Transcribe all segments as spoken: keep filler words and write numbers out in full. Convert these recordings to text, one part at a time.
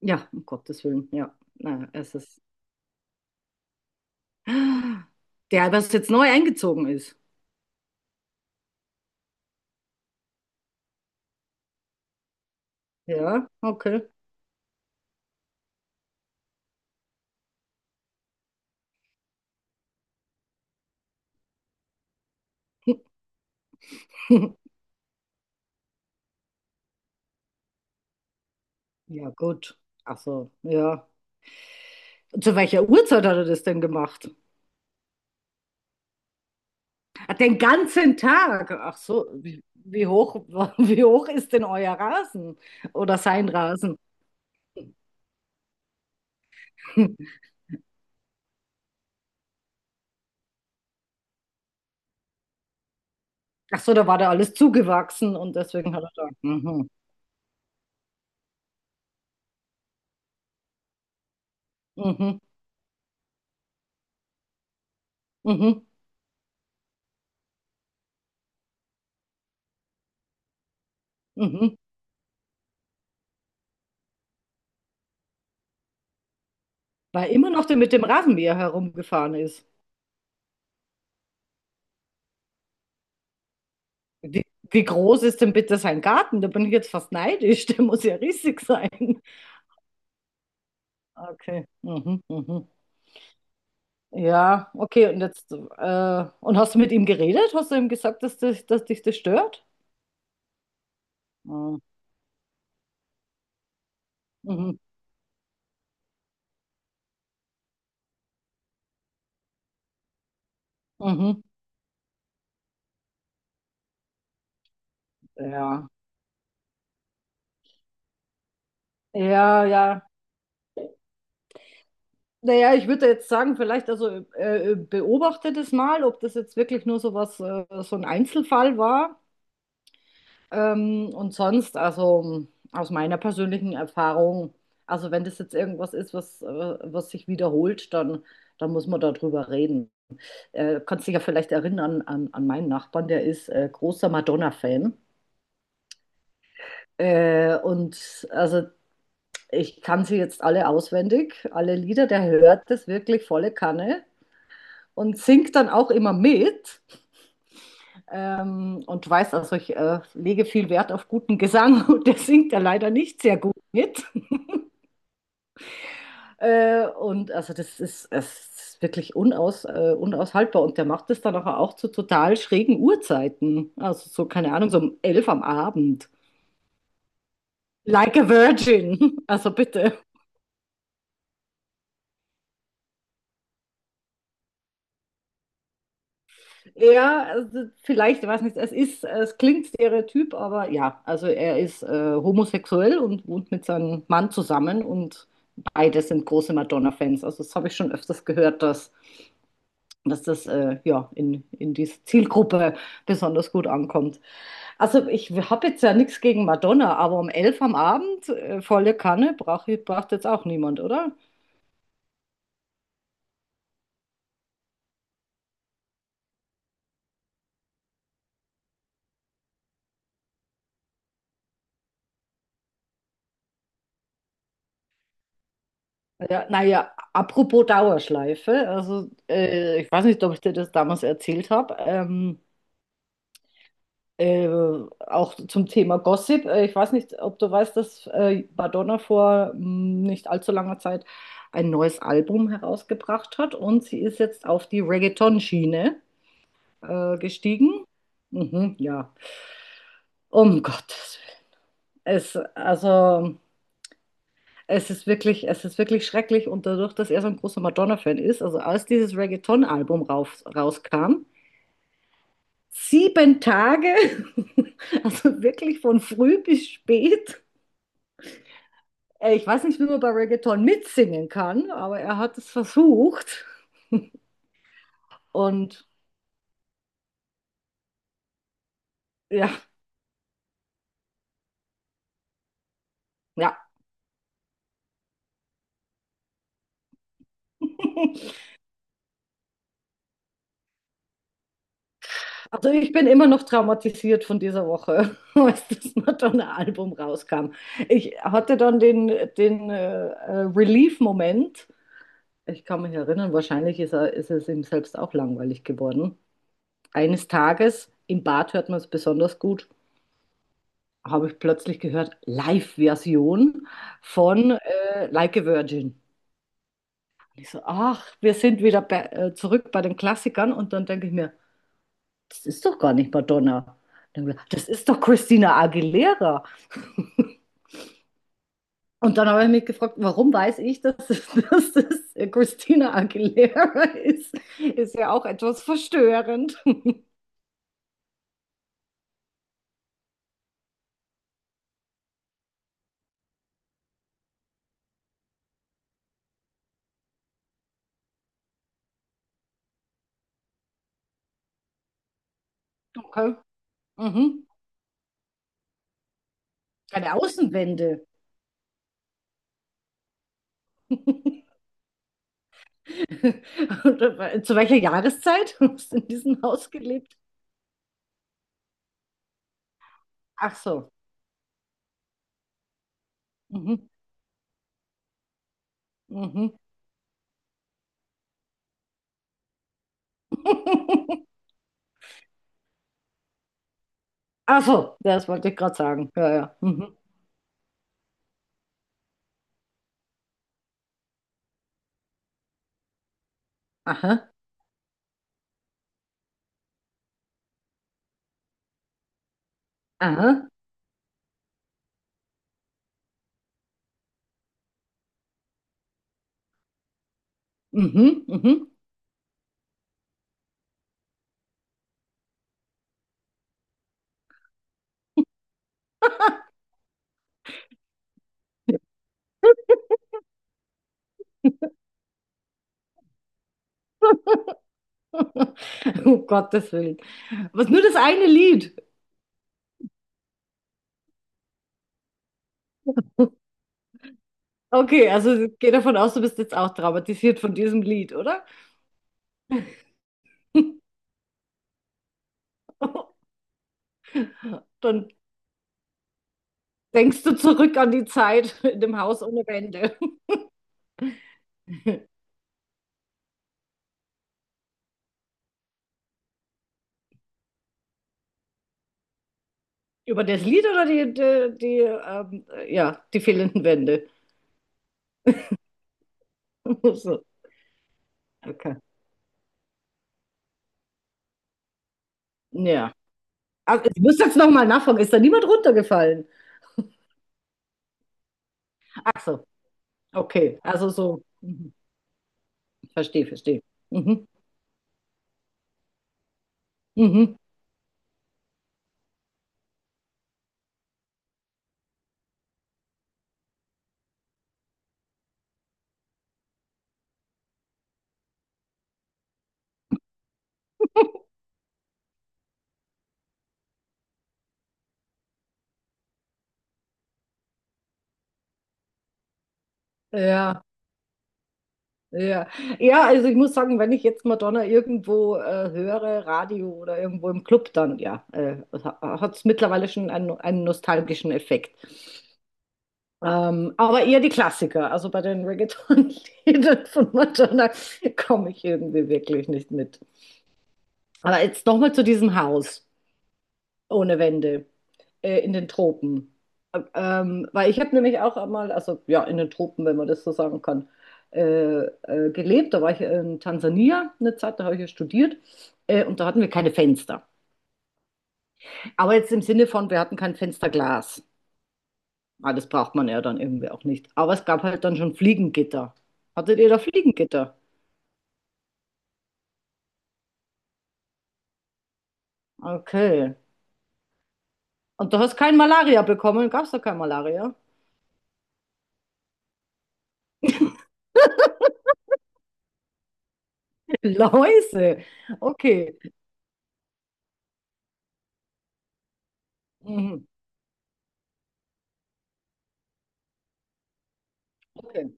Ja, um Gottes Willen, ja. Na, es ist. Der, was jetzt neu eingezogen ist. Ja, okay. Ja, gut. Ach so, ja. Zu welcher Uhrzeit hat er das denn gemacht? Ah, den ganzen Tag. Ach so, wie, wie hoch, wie hoch ist denn euer Rasen? Oder sein Rasen? Ach so, da war da alles zugewachsen und deswegen hat er da. Mhm, mhm, mhm, mhm. War immer noch der mit dem Rasenmäher herumgefahren ist. Wie, wie groß ist denn bitte sein Garten? Da bin ich jetzt fast neidisch. Der muss ja riesig sein. Okay. Mhm, mhm. Ja, okay. Und jetzt, äh, und hast du mit ihm geredet? Hast du ihm gesagt, dass, das, dass dich das stört? Mhm, mhm. Mhm. Ja. Ja, ja. Naja, ich würde jetzt sagen, vielleicht also äh, beobachte das mal, ob das jetzt wirklich nur so was, äh, so ein Einzelfall war. Ähm, und sonst, also aus meiner persönlichen Erfahrung, also wenn das jetzt irgendwas ist, was, äh, was sich wiederholt, dann, dann muss man darüber reden. Äh, kannst dich ja vielleicht erinnern an, an meinen Nachbarn, der ist äh, großer Madonna-Fan. Äh, und also ich kann sie jetzt alle auswendig, alle Lieder, der hört das wirklich volle Kanne und singt dann auch immer mit. Ähm, und weiß, also ich äh, lege viel Wert auf guten Gesang und der singt ja leider nicht sehr gut mit. Äh, und also das ist, es ist wirklich unaus, äh, unaushaltbar. Und der macht das dann nachher auch zu total schrägen Uhrzeiten. Also so, keine Ahnung, so um elf am Abend. Like a Virgin. Also bitte. Ja, also vielleicht, ich weiß nicht, es ist, es klingt Stereotyp, aber ja, also er ist äh, homosexuell und wohnt mit seinem Mann zusammen und beide sind große Madonna-Fans. Also das habe ich schon öfters gehört, dass, dass das äh, ja in, in diese Zielgruppe besonders gut ankommt. Also ich habe jetzt ja nichts gegen Madonna, aber um elf am Abend, äh, volle Kanne, braucht braucht jetzt auch niemand, oder? Ja, naja, apropos Dauerschleife, also äh, ich weiß nicht, ob ich dir das damals erzählt habe, ähm, äh, auch zum Thema Gossip. Äh, ich weiß nicht, ob du weißt, dass äh, Madonna vor mh, nicht allzu langer Zeit ein neues Album herausgebracht hat und sie ist jetzt auf die Reggaeton-Schiene äh, gestiegen. Mhm, ja, um Gottes Es, also, es ist wirklich, es ist wirklich schrecklich und dadurch, dass er so ein großer Madonna-Fan ist, also als dieses Reggaeton-Album raus, rauskam, sieben Tage, also wirklich von früh bis spät. Äh, Ich weiß nicht, wie man bei Reggaeton mitsingen kann, aber er hat es versucht und ja, ja. Also ich bin immer noch traumatisiert von dieser Woche, als das Madonna-Album rauskam. Ich hatte dann den, den äh, äh, Relief-Moment. Ich kann mich erinnern, wahrscheinlich ist er, ist es ihm selbst auch langweilig geworden. Eines Tages, im Bad hört man es besonders gut, habe ich plötzlich gehört, Live-Version von äh, Like a Virgin. Und ich so, ach, wir sind wieder bei, äh, zurück bei den Klassikern. Und dann denke ich mir, das ist doch gar nicht Madonna. Dann denk ich mir, das ist doch Christina Aguilera. Und dann habe ich mich gefragt, warum weiß ich, dass es, dass es äh, Christina Aguilera ist? Ist ja auch etwas verstörend. Okay. Mhm. Keine Außenwände. Und, äh, zu welcher Jahreszeit hast du in diesem Haus gelebt? Ach so. Mhm. Mhm. Ach so, das wollte ich gerade sagen. Ja, ja. Mhm. Aha, aha. Mhm, mhm. Um Gottes Willen. Was, nur das eine Lied. Okay, also ich gehe davon aus, du bist jetzt auch traumatisiert von diesem Lied, oder? Dann denkst du zurück an die Zeit in dem Haus ohne Wände. Über das Lied oder die, die, die, ähm, ja, die fehlenden Wände? So, okay. Ja. Also, ich muss jetzt nochmal nachfragen, ist da niemand runtergefallen? Ach so, okay. Also so, mhm. Verstehe, verstehe. Mhm. Mhm. Ja, ja. Ja, also ich muss sagen, wenn ich jetzt Madonna irgendwo äh, höre, Radio oder irgendwo im Club, dann ja, äh, hat es mittlerweile schon einen, einen nostalgischen Effekt. Ähm, aber eher die Klassiker. Also bei den Reggaeton-Liedern von Madonna komme ich irgendwie wirklich nicht mit. Aber jetzt nochmal zu diesem Haus ohne Wände äh, in den Tropen. Ähm, weil ich habe nämlich auch einmal, also ja, in den Tropen, wenn man das so sagen kann, äh, äh, gelebt. Da war ich in Tansania eine Zeit, da habe ich ja studiert. Äh, und da hatten wir keine Fenster. Aber jetzt im Sinne von, wir hatten kein Fensterglas. Ah, das braucht man ja dann irgendwie auch nicht. Aber es gab halt dann schon Fliegengitter. Hattet ihr da Fliegengitter? Okay. Und du hast kein Malaria bekommen? Gab es da kein Malaria? Läuse. Okay. Mhm. Okay.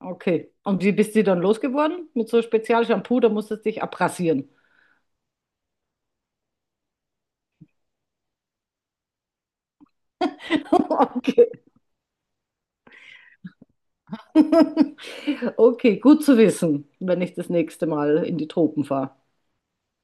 Okay. Und wie bist du dann losgeworden? Mit so Spezialshampoo, da musstest du dich abrasieren. Okay. Okay, gut zu wissen, wenn ich das nächste Mal in die Tropen fahre.